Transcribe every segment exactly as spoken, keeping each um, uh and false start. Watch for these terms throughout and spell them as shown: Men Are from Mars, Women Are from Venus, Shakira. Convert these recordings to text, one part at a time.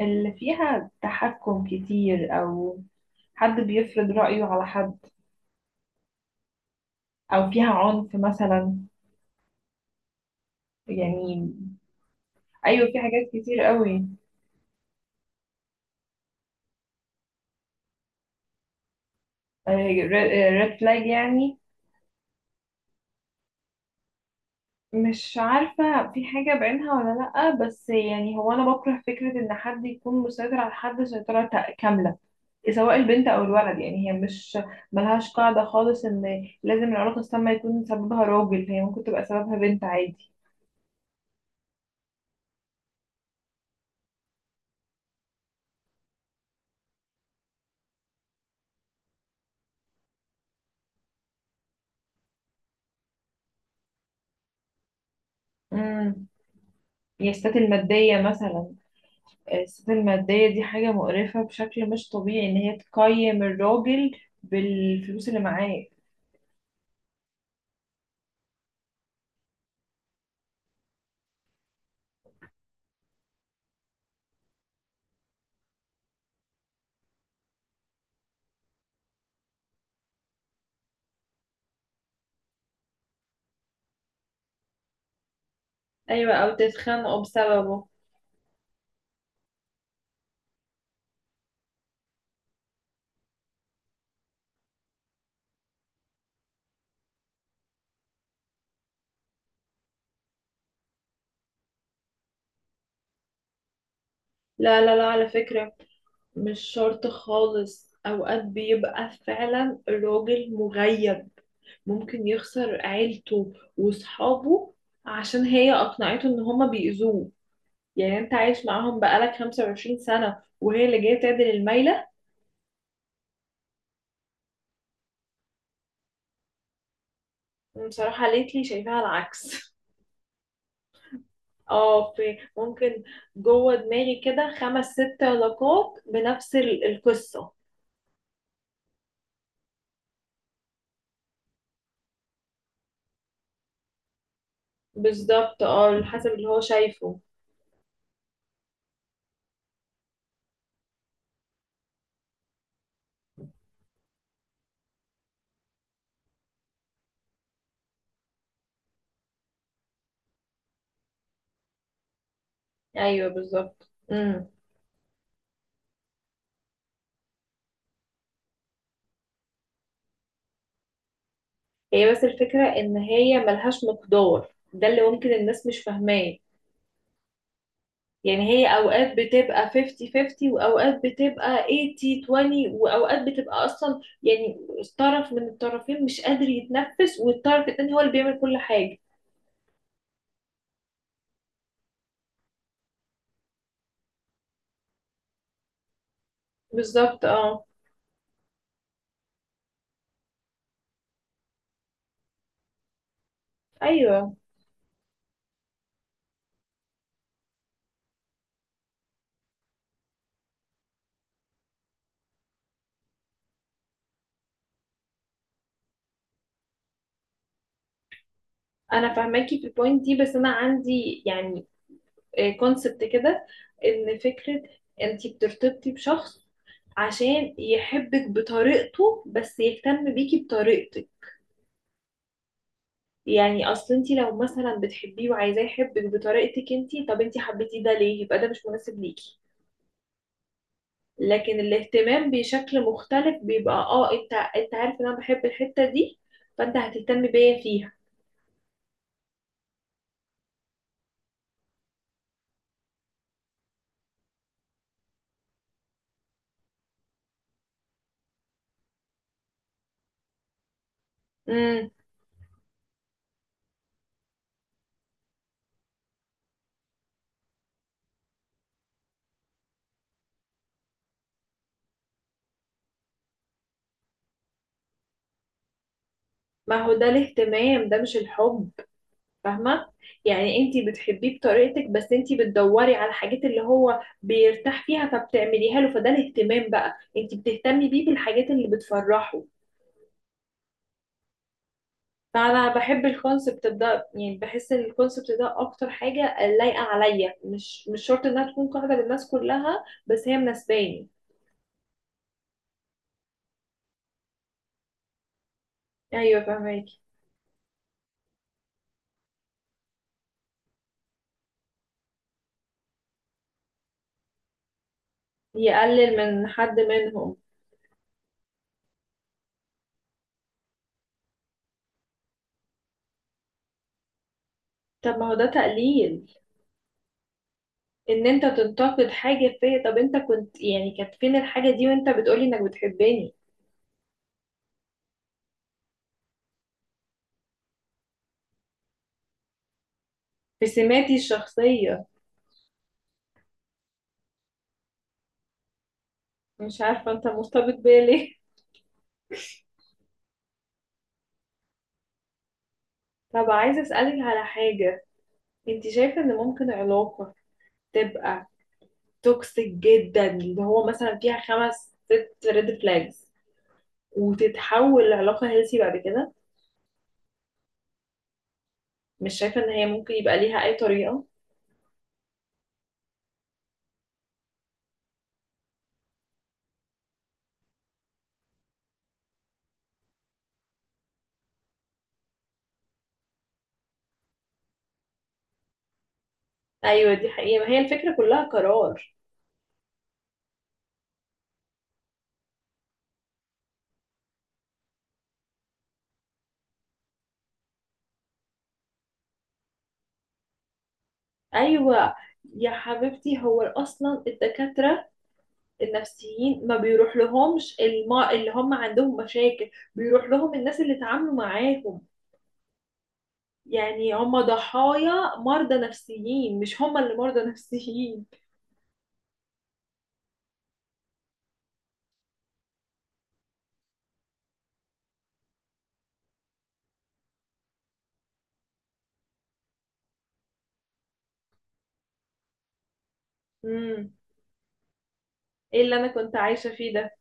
اللي فيها تحكم كتير أو حد بيفرض رأيه على حد أو فيها عنف مثلا يعني. أيوة، في حاجات كتير قوي. ريد فلاج يعني. مش عارفة في حاجة بعينها ولا لأ، بس يعني هو أنا بكره فكرة إن حد يكون مسيطر على حد سيطرة تا- كاملة، سواء البنت أو الولد. يعني هي مش ملهاش قاعدة خالص إن لازم العلاقة السامة يكون سببها راجل، هي ممكن تبقى سببها بنت عادي. امم يستات المادية مثلا، الست المادية دي حاجة مقرفة بشكل مش طبيعي إن هي تقيم الراجل بالفلوس اللي معاه. ايوه او تتخانقوا بسببه. لا لا لا، على فكرة مش شرط خالص، اوقات بيبقى فعلا الراجل مغيب، ممكن يخسر عيلته وصحابه عشان هي اقنعته ان هما بيأذوه. يعني انت عايش معاهم بقالك خمسة وعشرين سنة وهي اللي جاية تعدل الميلة. بصراحة ليتلي شايفاها العكس اه في ممكن، جوه دماغي كده خمس ست علاقات بنفس ال- القصة. بالظبط اه، على حسب اللي هو شايفه. ايوه بالظبط. امم هي بس الفكرة ان هي ملهاش مقدار، ده اللي ممكن الناس مش فاهماه. يعني هي اوقات بتبقى خمسين خمسين، واوقات بتبقى تمانين عشرين، واوقات بتبقى اصلا يعني طرف من الطرفين مش قادر يتنفس والطرف التاني هو اللي بيعمل كل حاجة. بالظبط اه. ايوه انا فاهماكي في البوينت دي، بس انا عندي يعني كونسبت كده، ان فكره انتي بترتبطي بشخص عشان يحبك بطريقته، بس يهتم بيكي بطريقتك. يعني اصل انتي لو مثلا بتحبيه وعايزاه يحبك بطريقتك انتي، طب انتي حبيتيه ده ليه؟ يبقى ده مش مناسب ليكي. لكن الاهتمام بشكل مختلف بيبقى اه انت انت عارف ان انا بحب الحته دي، فانت هتهتم بيا فيها. امم ما هو ده الاهتمام، ده مش الحب، فاهمة؟ يعني انتي بتحبيه بطريقتك، بس انتي بتدوري على الحاجات اللي هو بيرتاح فيها فبتعمليها له، فده الاهتمام بقى، انتي بتهتمي بيه بالحاجات اللي بتفرحه. فانا بحب الكونسبت ده، يعني بحس ان الكونسبت ده اكتر حاجة لايقة عليا، مش مش شرط انها تكون قاعدة للناس كلها، بس هي مناسباني. ايوه فاهماكي. يقلل من حد منهم. طب ما هو ده تقليل، ان انت تنتقد حاجة فيا؟ طب انت كنت يعني كانت فين الحاجة دي وانت بتقولي انك بتحبني؟ في سماتي الشخصية. مش عارفة انت مرتبط بيا ليه. طب عايزة اسألك على حاجة، انت شايفة ان ممكن علاقة تبقى توكسيك جدا، اللي هو مثلا فيها خمس ست ريد فلاجز، وتتحول لعلاقة هيلثي بعد كده؟ مش شايفة ان هي ممكن يبقى ليها اي طريقة. ايوه دي حقيقة، ما هي الفكرة كلها قرار. ايوه يا حبيبتي، هو اصلا الدكاترة النفسيين ما بيروح لهمش الم... اللي هم عندهم مشاكل، بيروح لهم الناس اللي اتعاملوا معاهم. يعني هم ضحايا مرضى نفسيين، مش هم اللي مرضى نفسيين. امم ايه اللي انا كنت عايشة فيه ده.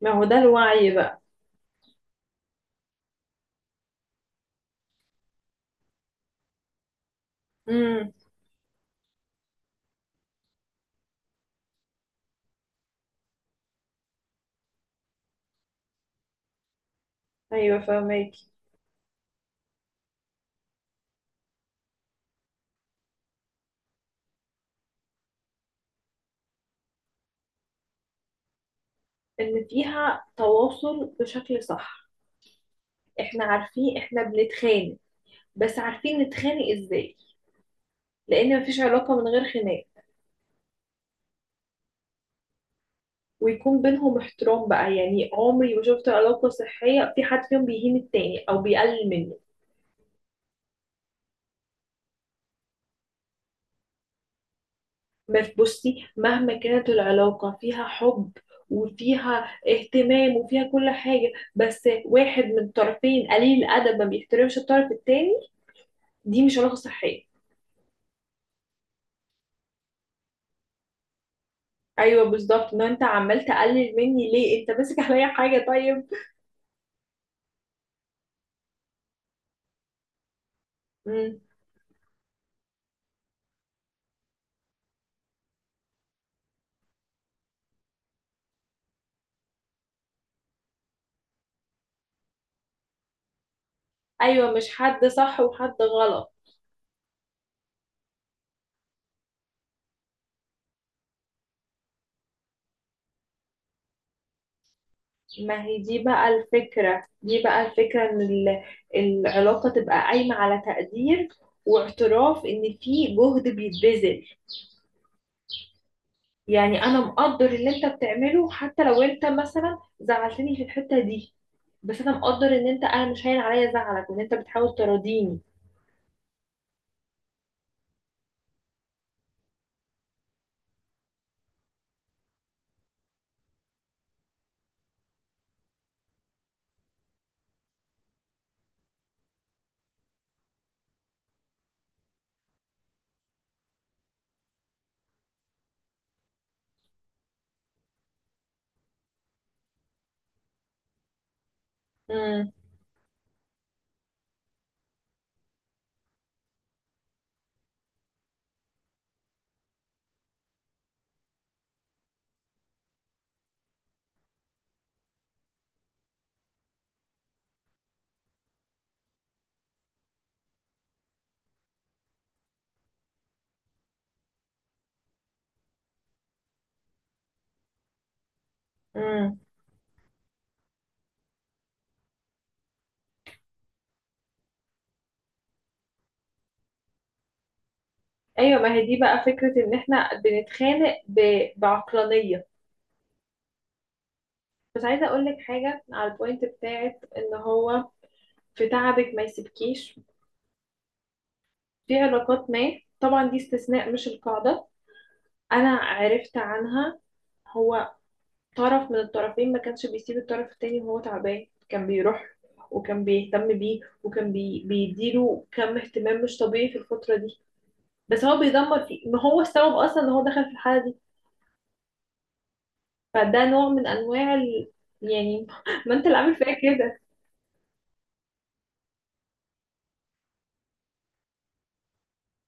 ما هو ده الوعي بقى. امم ايوه فهماكي. ان فيها تواصل بشكل صح، احنا عارفين احنا بنتخانق بس عارفين نتخانق ازاي، لان مفيش علاقة من غير خناق. ويكون بينهم احترام بقى، يعني عمري ما شفت علاقة صحية في حد فيهم بيهين التاني او بيقلل منه. بس بصي، مهما كانت العلاقة فيها حب وفيها اهتمام وفيها كل حاجة، بس واحد من الطرفين قليل الأدب ما بيحترمش الطرف التاني، دي مش علاقة صحية. أيوة بالظبط، إن أنت عمال تقلل مني ليه؟ أنت ماسك عليا حاجة؟ طيب. مم. أيوة مش حد صح وحد غلط. ما هي دي بقى الفكرة، دي بقى الفكرة إن ال- العلاقة تبقى قايمة على تقدير واعتراف إن في جهد بيتبذل. يعني انا مقدر اللي انت بتعمله حتى لو انت مثلا زعلتني في الحتة دي، بس انا مقدر ان انت انا مش هين عليا زعلك، وان انت بتحاول تراضيني. امم امم ايوه ما هي دي بقى فكرة ان احنا بنتخانق ب... بعقلانية. بس عايزة اقول لك حاجة على البوينت بتاعت ان هو في تعبك ما يسيبكيش، في علاقات ما طبعا دي استثناء مش القاعدة، انا عرفت عنها، هو طرف من الطرفين ما كانش بيسيب الطرف التاني وهو تعبان، كان بيروح وكان بيهتم بيه وكان بي... بيديله كم اهتمام مش طبيعي في الفترة دي، بس هو بيدمر فيه، ما هو السبب اصلا ان هو دخل في الحالة دي. فده نوع من انواع ال... يعني ما انت اللي عامل فيا كده.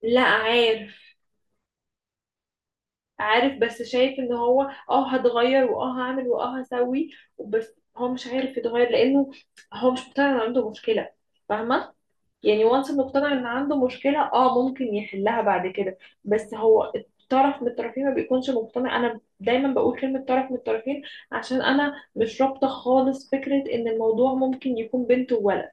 لا عارف، عارف بس شايف ان هو اه هتغير واه هعمل واه هسوي، بس هو مش عارف يتغير، لانه هو مش مقتنع ان عنده مشكلة، فاهمة؟ يعني وانس انه اقتنع ان عنده مشكلة، اه ممكن يحلها بعد كده. بس هو الطرف من الطرفين ما بيكونش مقتنع. انا دايما بقول كلمة طرف من الطرفين عشان انا مش رابطة خالص فكرة ان الموضوع ممكن يكون بنت وولد،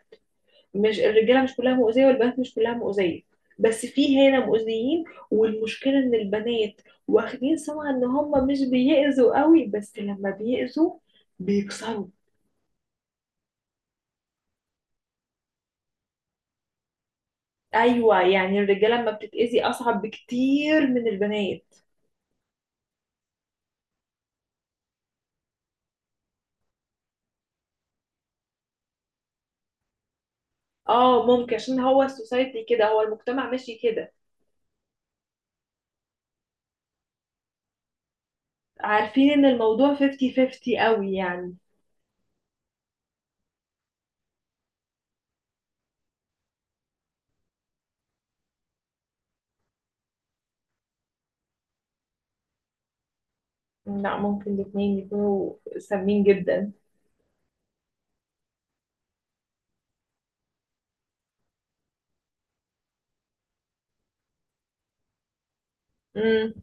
مش الرجالة مش كلها مؤذية والبنات مش كلها مؤذية، بس في هنا مؤذيين. والمشكلة ان البنات واخدين سمعة ان هم مش بيأذوا قوي، بس لما بيأذوا بيكسروا. ايوه يعني الرجاله لما بتتأذي اصعب بكتير من البنات. اه ممكن، عشان هو السوسايتي كده، هو المجتمع ماشي كده. عارفين ان الموضوع خمسين خمسين قوي يعني. لا ممكن الاتنين يكونوا سامين جدا. امم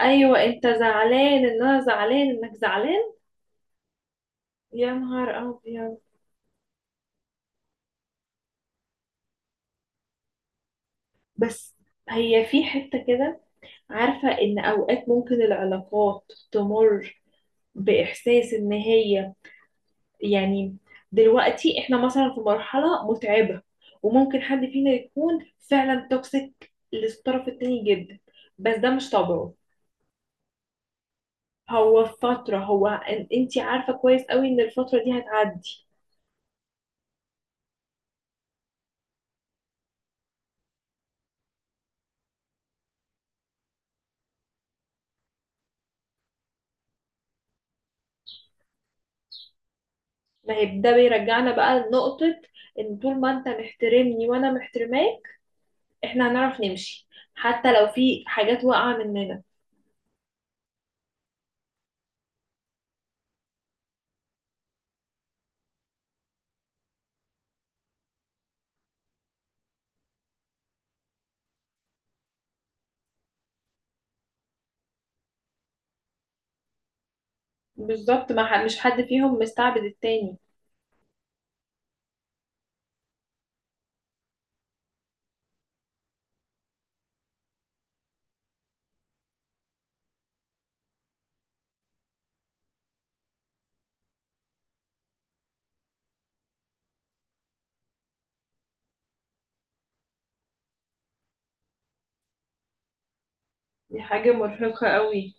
ايوه انت زعلان ان انا زعلان انك زعلان. يا نهار ابيض. بس هي في حتة كده، عارفة ان اوقات ممكن العلاقات تمر باحساس ان هي يعني دلوقتي احنا مثلا في مرحلة متعبة، وممكن حد فينا يكون فعلا توكسيك للطرف التاني جدا، بس ده مش طبعه، هو فترة، هو ان- انتي عارفة كويس قوي ان الفترة دي هتعدي. ما هي ده بيرجعنا بقى لنقطة ان طول ما انت محترمني وانا محترماك، احنا هنعرف نمشي حتى لو في حاجات واقعة مننا. بالظبط، ما ح- مش حد فيهم مستعبد التاني. دي حاجة مرهقة قوي.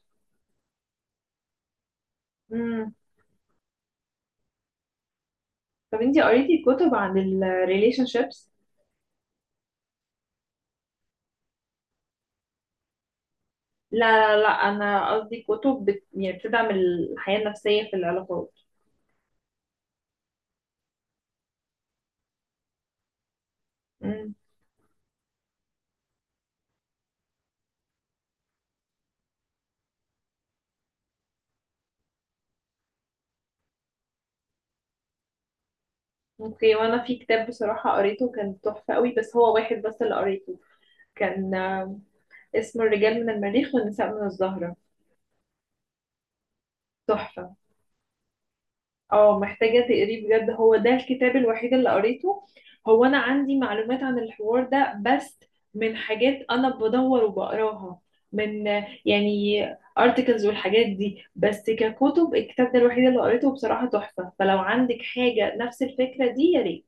طب انتي قريتي كتب عن الريليشن شيبس؟ لا لا لا، انا قصدي كتب بت... يعني بتدعم الحياة النفسية في العلاقات. امم اوكي، وانا في كتاب بصراحة قريته كان تحفة قوي، بس هو واحد بس اللي قريته، كان آه، اسمه الرجال من المريخ والنساء من الزهرة، تحفة. اه محتاجة تقريه بجد، هو ده الكتاب الوحيد اللي قريته. هو أنا عندي معلومات عن الحوار ده بس من حاجات أنا بدور وبقراها، من يعني articles والحاجات دي، بس ككتب الكتاب ده الوحيد اللي قريته بصراحة تحفة، فلو عندك حاجة نفس الفكرة دي يا ريت.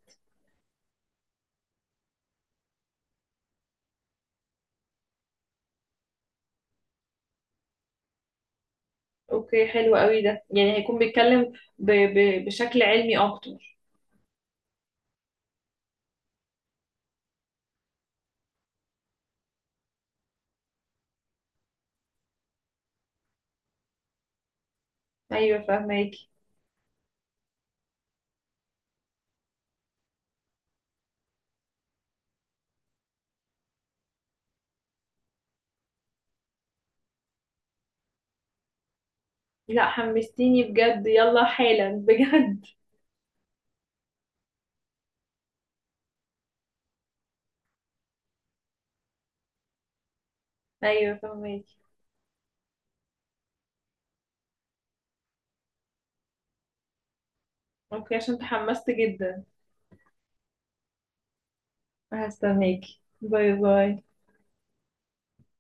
اوكي حلو قوي، ده يعني هيكون بيتكلم ب... ب... بشكل علمي اكتر. ايوه فهماكي. لا حمستيني بجد، يلا حالا بجد. ايوه فهماكي. اوكي عشان تحمست جدا. هستناكي، باي باي.